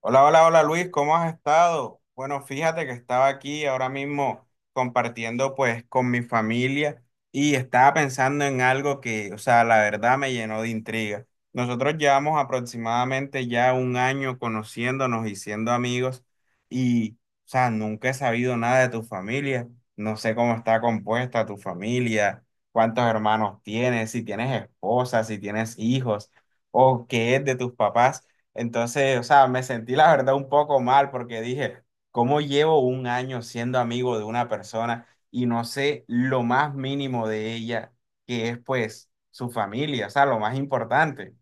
Hola, hola, hola Luis, ¿cómo has estado? Bueno, fíjate que estaba aquí ahora mismo compartiendo pues con mi familia y estaba pensando en algo que, o sea, la verdad me llenó de intriga. Nosotros llevamos aproximadamente ya un año conociéndonos y siendo amigos y, o sea, nunca he sabido nada de tu familia. No sé cómo está compuesta tu familia, cuántos hermanos tienes, si tienes esposa, si tienes hijos o qué es de tus papás. Entonces, o sea, me sentí la verdad un poco mal porque dije, ¿cómo llevo un año siendo amigo de una persona y no sé lo más mínimo de ella, que es pues su familia, o sea, lo más importante?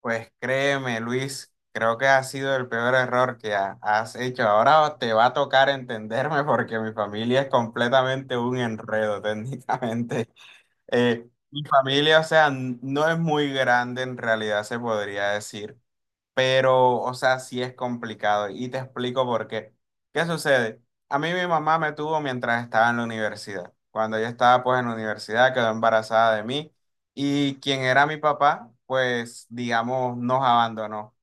Pues créeme, Luis, creo que ha sido el peor error que has hecho. Ahora te va a tocar entenderme porque mi familia es completamente un enredo técnicamente. Mi familia, o sea, no es muy grande en realidad, se podría decir. Pero, o sea, sí es complicado y te explico por qué. ¿Qué sucede? A mí mi mamá me tuvo mientras estaba en la universidad. Cuando yo estaba pues en la universidad quedó embarazada de mí y quien era mi papá, pues digamos, nos abandonó.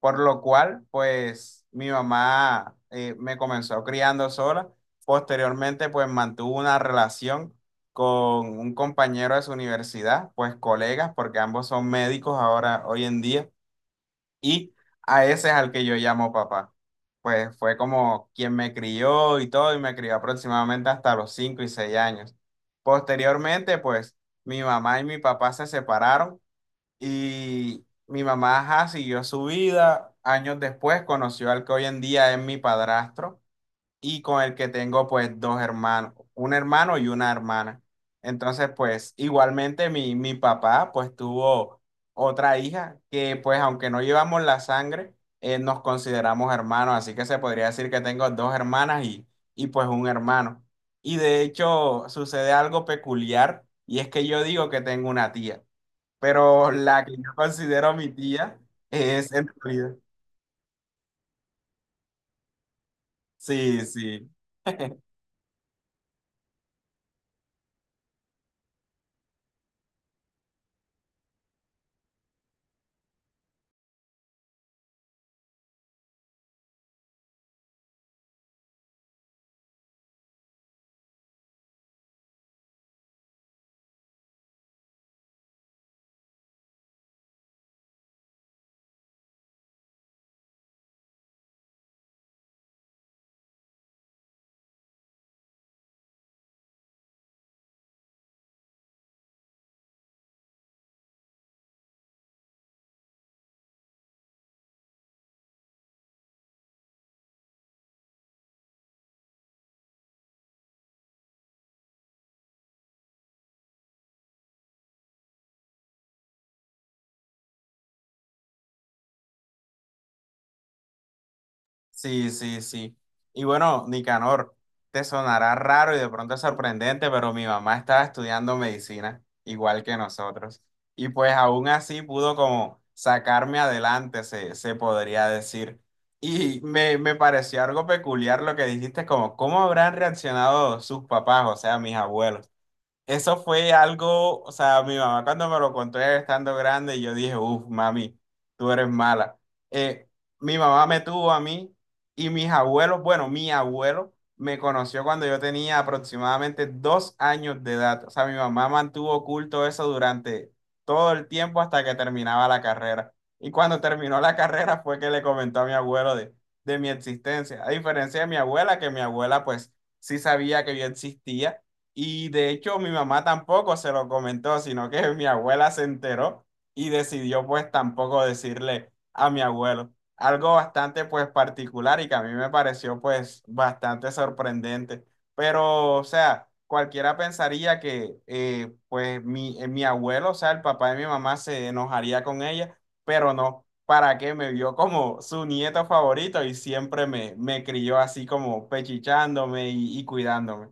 Por lo cual, pues mi mamá me comenzó criando sola. Posteriormente, pues mantuvo una relación con un compañero de su universidad, pues colegas, porque ambos son médicos ahora, hoy en día. Y a ese es al que yo llamo papá. Pues fue como quien me crió y todo, y me crió aproximadamente hasta los 5 y 6 años. Posteriormente, pues mi mamá y mi papá se separaron y mi mamá ajá, siguió su vida. Años después conoció al que hoy en día es mi padrastro y con el que tengo pues dos hermanos, un hermano y una hermana. Entonces pues igualmente mi papá pues tuvo otra hija que pues aunque no llevamos la sangre, nos consideramos hermanos, así que se podría decir que tengo dos hermanas y pues un hermano. Y de hecho sucede algo peculiar y es que yo digo que tengo una tía, pero la que yo considero mi tía es en realidad. Sí, sí. Sí, sí, sí. Y bueno, Nicanor, te sonará raro y de pronto sorprendente, pero mi mamá estaba estudiando medicina, igual que nosotros. Y pues aún así pudo como sacarme adelante, se podría decir. Y me pareció algo peculiar lo que dijiste, como cómo habrán reaccionado sus papás, o sea, mis abuelos. Eso fue algo, o sea, mi mamá cuando me lo contó ya estando grande, yo dije, uff, mami, tú eres mala. Eh, mi mamá me tuvo a mí y mis abuelos, bueno, mi abuelo me conoció cuando yo tenía aproximadamente 2 años de edad. O sea, mi mamá mantuvo oculto eso durante todo el tiempo hasta que terminaba la carrera. Y cuando terminó la carrera fue que le comentó a mi abuelo de mi existencia. A diferencia de mi abuela, que mi abuela pues sí sabía que yo existía y de hecho mi mamá tampoco se lo comentó, sino que mi abuela se enteró y decidió pues tampoco decirle a mi abuelo. Algo bastante pues particular y que a mí me pareció pues bastante sorprendente. Pero o sea, cualquiera pensaría que mi abuelo, o sea, el papá de mi mamá se enojaría con ella, pero no. ¿Para qué? Me vio como su nieto favorito y siempre me crió así como pechichándome y cuidándome.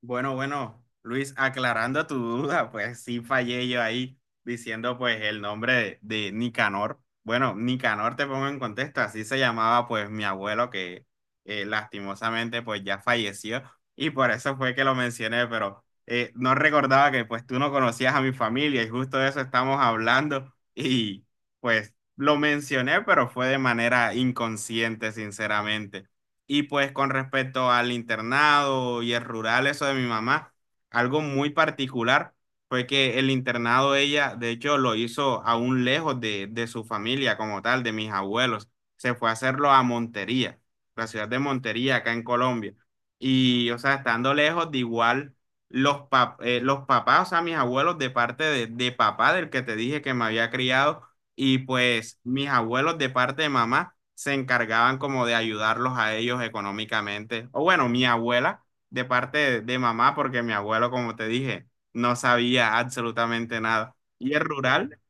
Bueno, bueno, Luis, aclarando tu duda, pues sí fallé yo ahí diciendo pues el nombre de Nicanor. Bueno, Nicanor te pongo en contexto, así se llamaba pues mi abuelo que lastimosamente pues ya falleció y por eso fue que lo mencioné, pero no recordaba que pues tú no conocías a mi familia y justo de eso estamos hablando y pues lo mencioné, pero fue de manera inconsciente, sinceramente. Y pues con respecto al internado y el rural, eso de mi mamá, algo muy particular fue que el internado ella, de hecho, lo hizo aún lejos de su familia como tal, de mis abuelos. Se fue a hacerlo a Montería, la ciudad de Montería, acá en Colombia. Y, o sea, estando lejos, de igual, los papás, o sea, mis abuelos de parte de papá, del que te dije que me había criado y pues mis abuelos de parte de mamá se encargaban como de ayudarlos a ellos económicamente. O bueno, mi abuela de parte de mamá, porque mi abuelo, como te dije, no sabía absolutamente nada. Y el rural,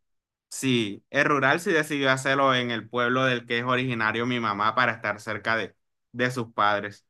sí, el rural sí decidió hacerlo en el pueblo del que es originario mi mamá para estar cerca de sus padres.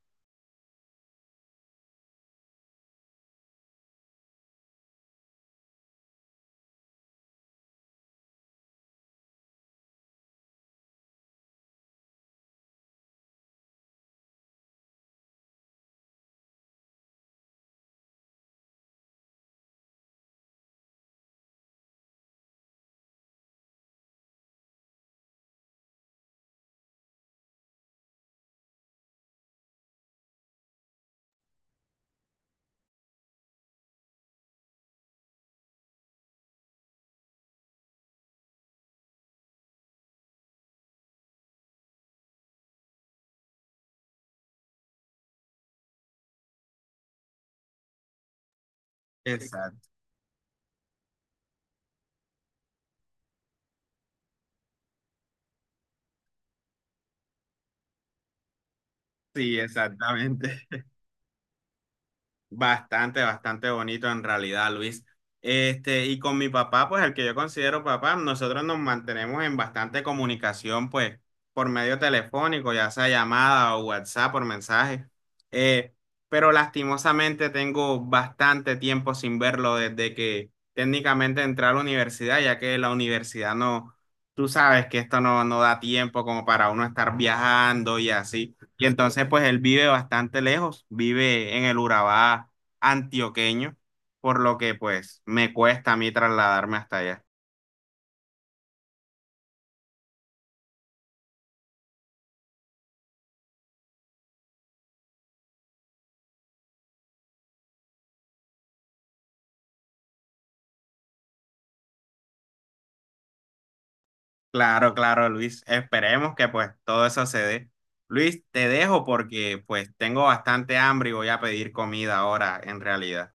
Exacto. Sí, exactamente. Bastante, bastante bonito en realidad, Luis. Este, y con mi papá, pues el que yo considero papá, nosotros nos mantenemos en bastante comunicación, pues por medio telefónico, ya sea llamada o WhatsApp, por mensaje. Eh, pero lastimosamente tengo bastante tiempo sin verlo desde que técnicamente entré a la universidad, ya que la universidad no, tú sabes que esto no, no da tiempo como para uno estar viajando y así. Y entonces, pues él vive bastante lejos, vive en el Urabá antioqueño, por lo que pues me cuesta a mí trasladarme hasta allá. Claro, claro, Luis, esperemos que pues todo eso se dé. Luis, te dejo porque pues tengo bastante hambre y voy a pedir comida ahora en realidad.